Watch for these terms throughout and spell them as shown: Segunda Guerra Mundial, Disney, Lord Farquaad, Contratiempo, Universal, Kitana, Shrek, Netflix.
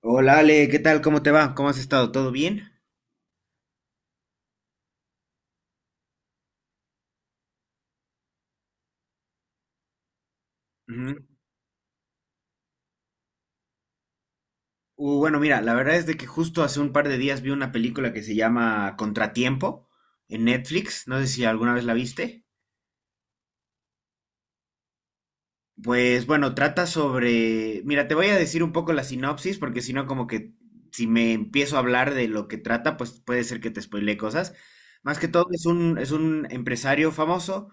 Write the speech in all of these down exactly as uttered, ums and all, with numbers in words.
Hola Ale, ¿qué tal? ¿Cómo te va? ¿Cómo has estado? ¿Todo bien? Ujú. Uh, bueno, mira, la verdad es de que justo hace un par de días vi una película que se llama Contratiempo en Netflix. No sé si alguna vez la viste. Pues bueno, trata sobre... Mira, te voy a decir un poco la sinopsis, porque si no, como que si me empiezo a hablar de lo que trata, pues puede ser que te spoilee cosas. Más que todo, es un, es un empresario famoso,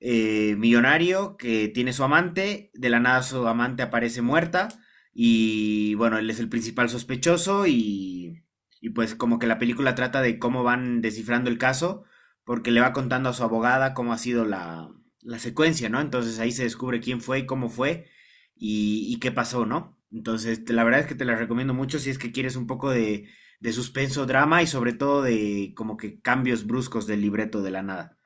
eh, millonario, que tiene su amante, de la nada su amante aparece muerta, y bueno, él es el principal sospechoso, y, y pues como que la película trata de cómo van descifrando el caso, porque le va contando a su abogada cómo ha sido la la secuencia, ¿no? Entonces ahí se descubre quién fue y cómo fue y, y qué pasó, ¿no? Entonces, te- la verdad es que te la recomiendo mucho si es que quieres un poco de, de suspenso, drama y sobre todo de como que cambios bruscos del libreto de la nada.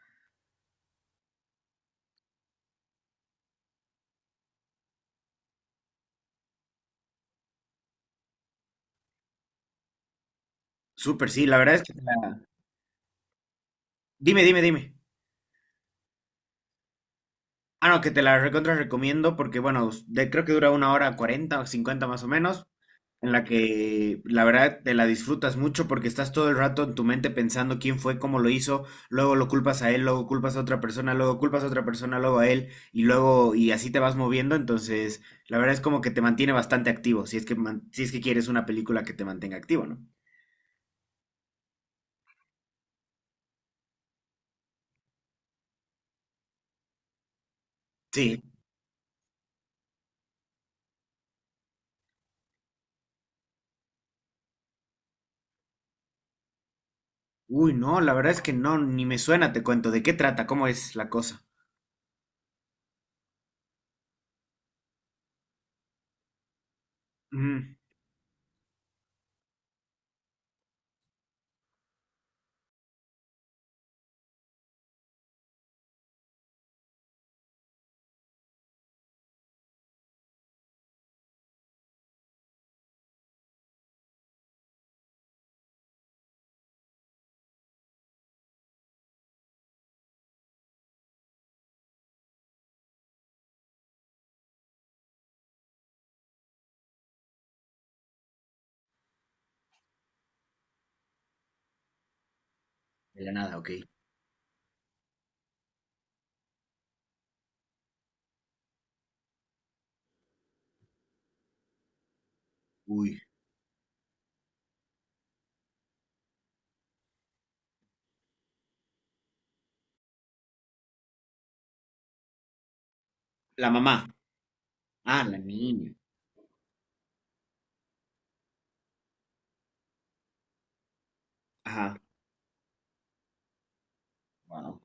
Súper, sí, la verdad es que... te la- Dime, dime, dime. Ah, no, que te la recontra recomiendo porque, bueno, de- creo que dura una hora cuarenta o cincuenta más o menos, en la que la verdad te la disfrutas mucho porque estás todo el rato en tu mente pensando quién fue, cómo lo hizo, luego lo culpas a él, luego culpas a otra persona, luego culpas a otra persona, luego a él y luego y así te vas moviendo, entonces la verdad es como que te mantiene bastante activo, si es que man- si es que quieres una película que te mantenga activo, ¿no? Sí. Uy, no, la verdad es que no, ni me suena, te cuento, ¿de qué trata? ¿Cómo es la cosa? Mm, de la nada, ok. Uy. La mamá. Ah, la niña. Ajá. Wow.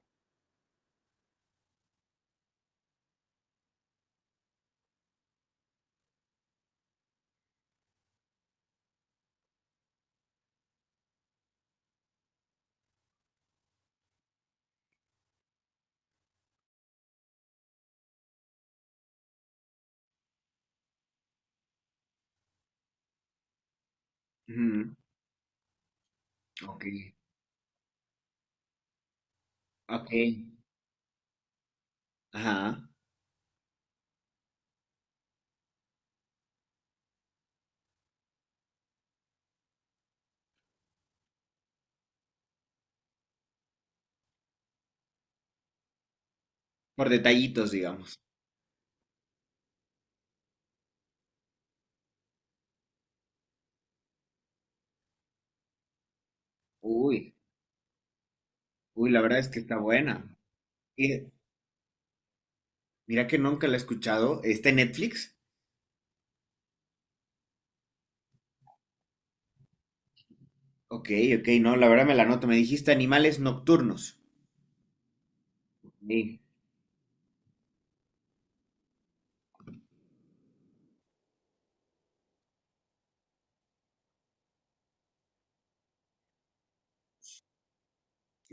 Mm, ok. Ok. Ajá, por detallitos, digamos. Uy, uy, la verdad es que está buena. Y mira que nunca la he escuchado. ¿Está en Netflix? Ok, ok, no, la verdad me la noto. Me dijiste animales nocturnos. Sí.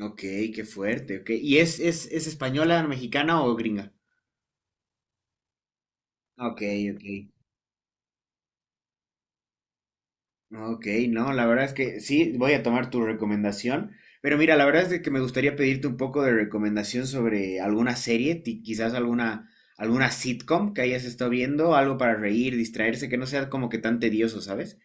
Ok, qué fuerte, ok. ¿Y es, es, es española, mexicana o gringa? Ok, ok. Ok, no, la verdad es que sí, voy a tomar tu recomendación, pero mira, la verdad es de que me gustaría pedirte un poco de recomendación sobre alguna serie, ti- quizás alguna, alguna sitcom que hayas estado viendo, algo para reír, distraerse, que no sea como que tan tedioso, ¿sabes?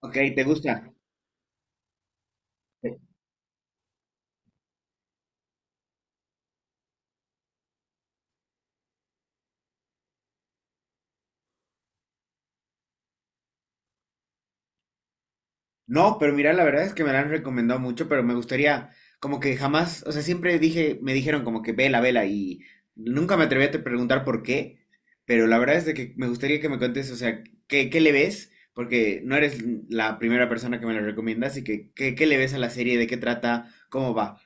Ok, ¿te gusta? No, pero mira, la verdad es que me la han recomendado mucho, pero me gustaría, como que jamás, o sea, siempre dije, me dijeron como que vela, vela, y nunca me atreví a te preguntar por qué, pero la verdad es de que me gustaría que me cuentes, o sea, ¿qué, qué le ves? Porque no eres la primera persona que me la recomienda, así que, ¿qué, qué le ves a la serie? ¿De qué trata? ¿Cómo va?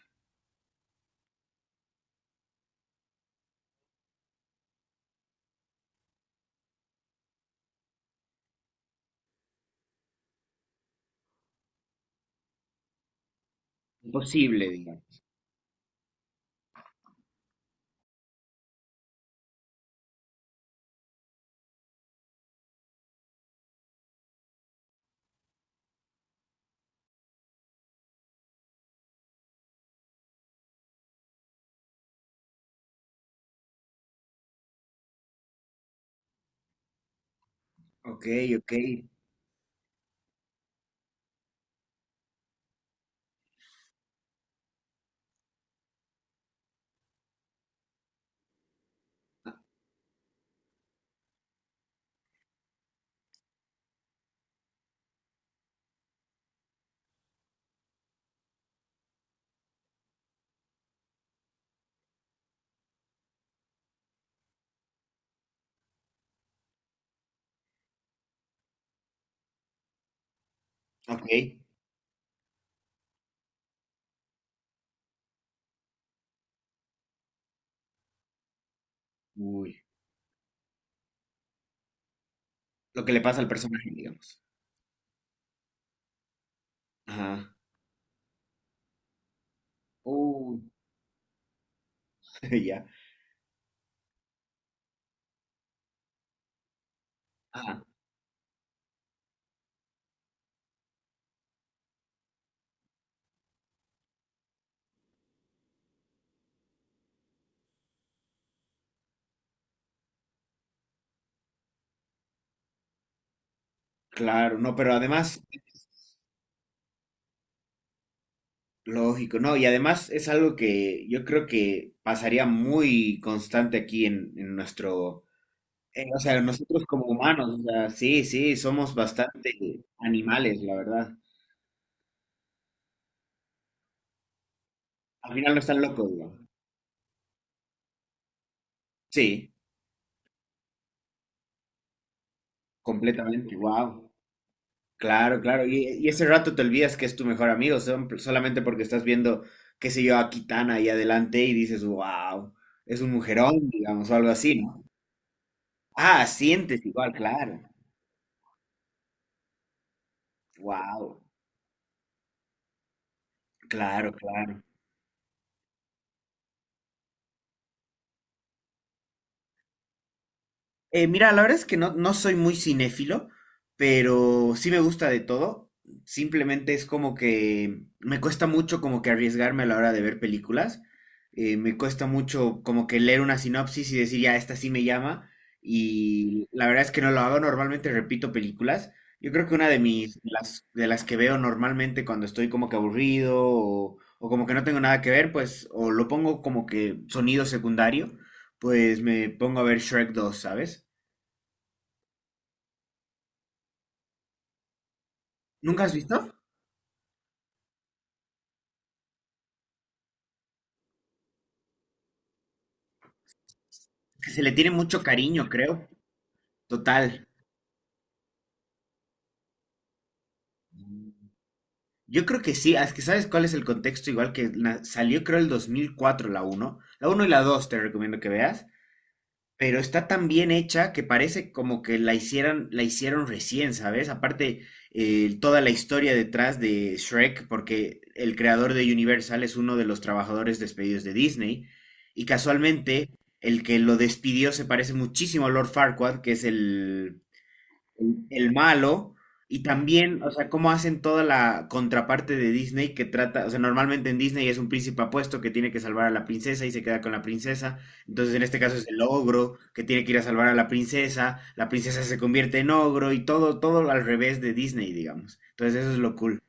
Imposible, digamos. Ok, ok, ok. Uy, lo que le pasa al personaje, digamos. Ajá. Uy, ya. Ajá. Claro, no, pero además. Lógico, no, y además es algo que yo creo que pasaría muy constante aquí en, en nuestro, eh, o sea, nosotros como humanos, o sea, sí, sí, somos bastante animales, la verdad. Al final no están locos, ¿no? Sí, completamente, wow. Claro, claro, y, y ese rato te olvidas que es tu mejor amigo, son- solamente porque estás viendo, qué sé yo, a Kitana ahí adelante y dices, wow, es un mujerón, digamos, o algo así, ¿no? Ah, sientes igual, claro, wow, claro, claro. Eh, mira, la verdad es que no, no soy muy cinéfilo, pero sí me gusta de todo. Simplemente es como que me cuesta mucho como que arriesgarme a la hora de ver películas. Eh, me cuesta mucho como que leer una sinopsis y decir, ya, esta sí me llama. Y la verdad es que no lo hago. Normalmente repito películas. Yo creo que una de mis, de las, de las que veo normalmente cuando estoy como que aburrido o, o como que no tengo nada que ver, pues, o lo pongo como que sonido secundario, pues me pongo a ver Shrek dos, ¿sabes? ¿Nunca has visto? Que se le tiene mucho cariño, creo. Total. Yo creo que sí, es que sabes cuál es el contexto, igual que na- salió creo el dos mil cuatro la uno la uno y la dos te recomiendo que veas, pero está tan bien hecha que parece como que la hicieran, la hicieron recién, ¿sabes? Aparte, eh, toda la historia detrás de Shrek, porque el creador de Universal es uno de los trabajadores despedidos de Disney, y casualmente el que lo despidió se parece muchísimo a Lord Farquaad, que es el, el, el malo, y también, o sea, cómo hacen toda la contraparte de Disney que trata, o sea, normalmente en Disney es un príncipe apuesto que tiene que salvar a la princesa y se queda con la princesa, entonces en este caso es el ogro que tiene que ir a salvar a la princesa, la princesa se convierte en ogro y todo, todo al revés de Disney, digamos. Entonces eso es lo cool.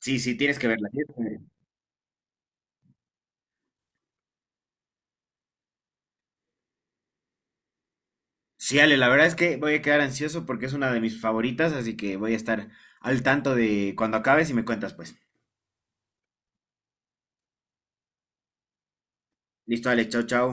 Sí, sí, tienes que verla. Tienes que verla. Sí, Ale, la verdad es que voy a quedar ansioso porque es una de mis favoritas, así que voy a estar al tanto de cuando acabes y me cuentas, pues. Listo, Ale, chao, chao.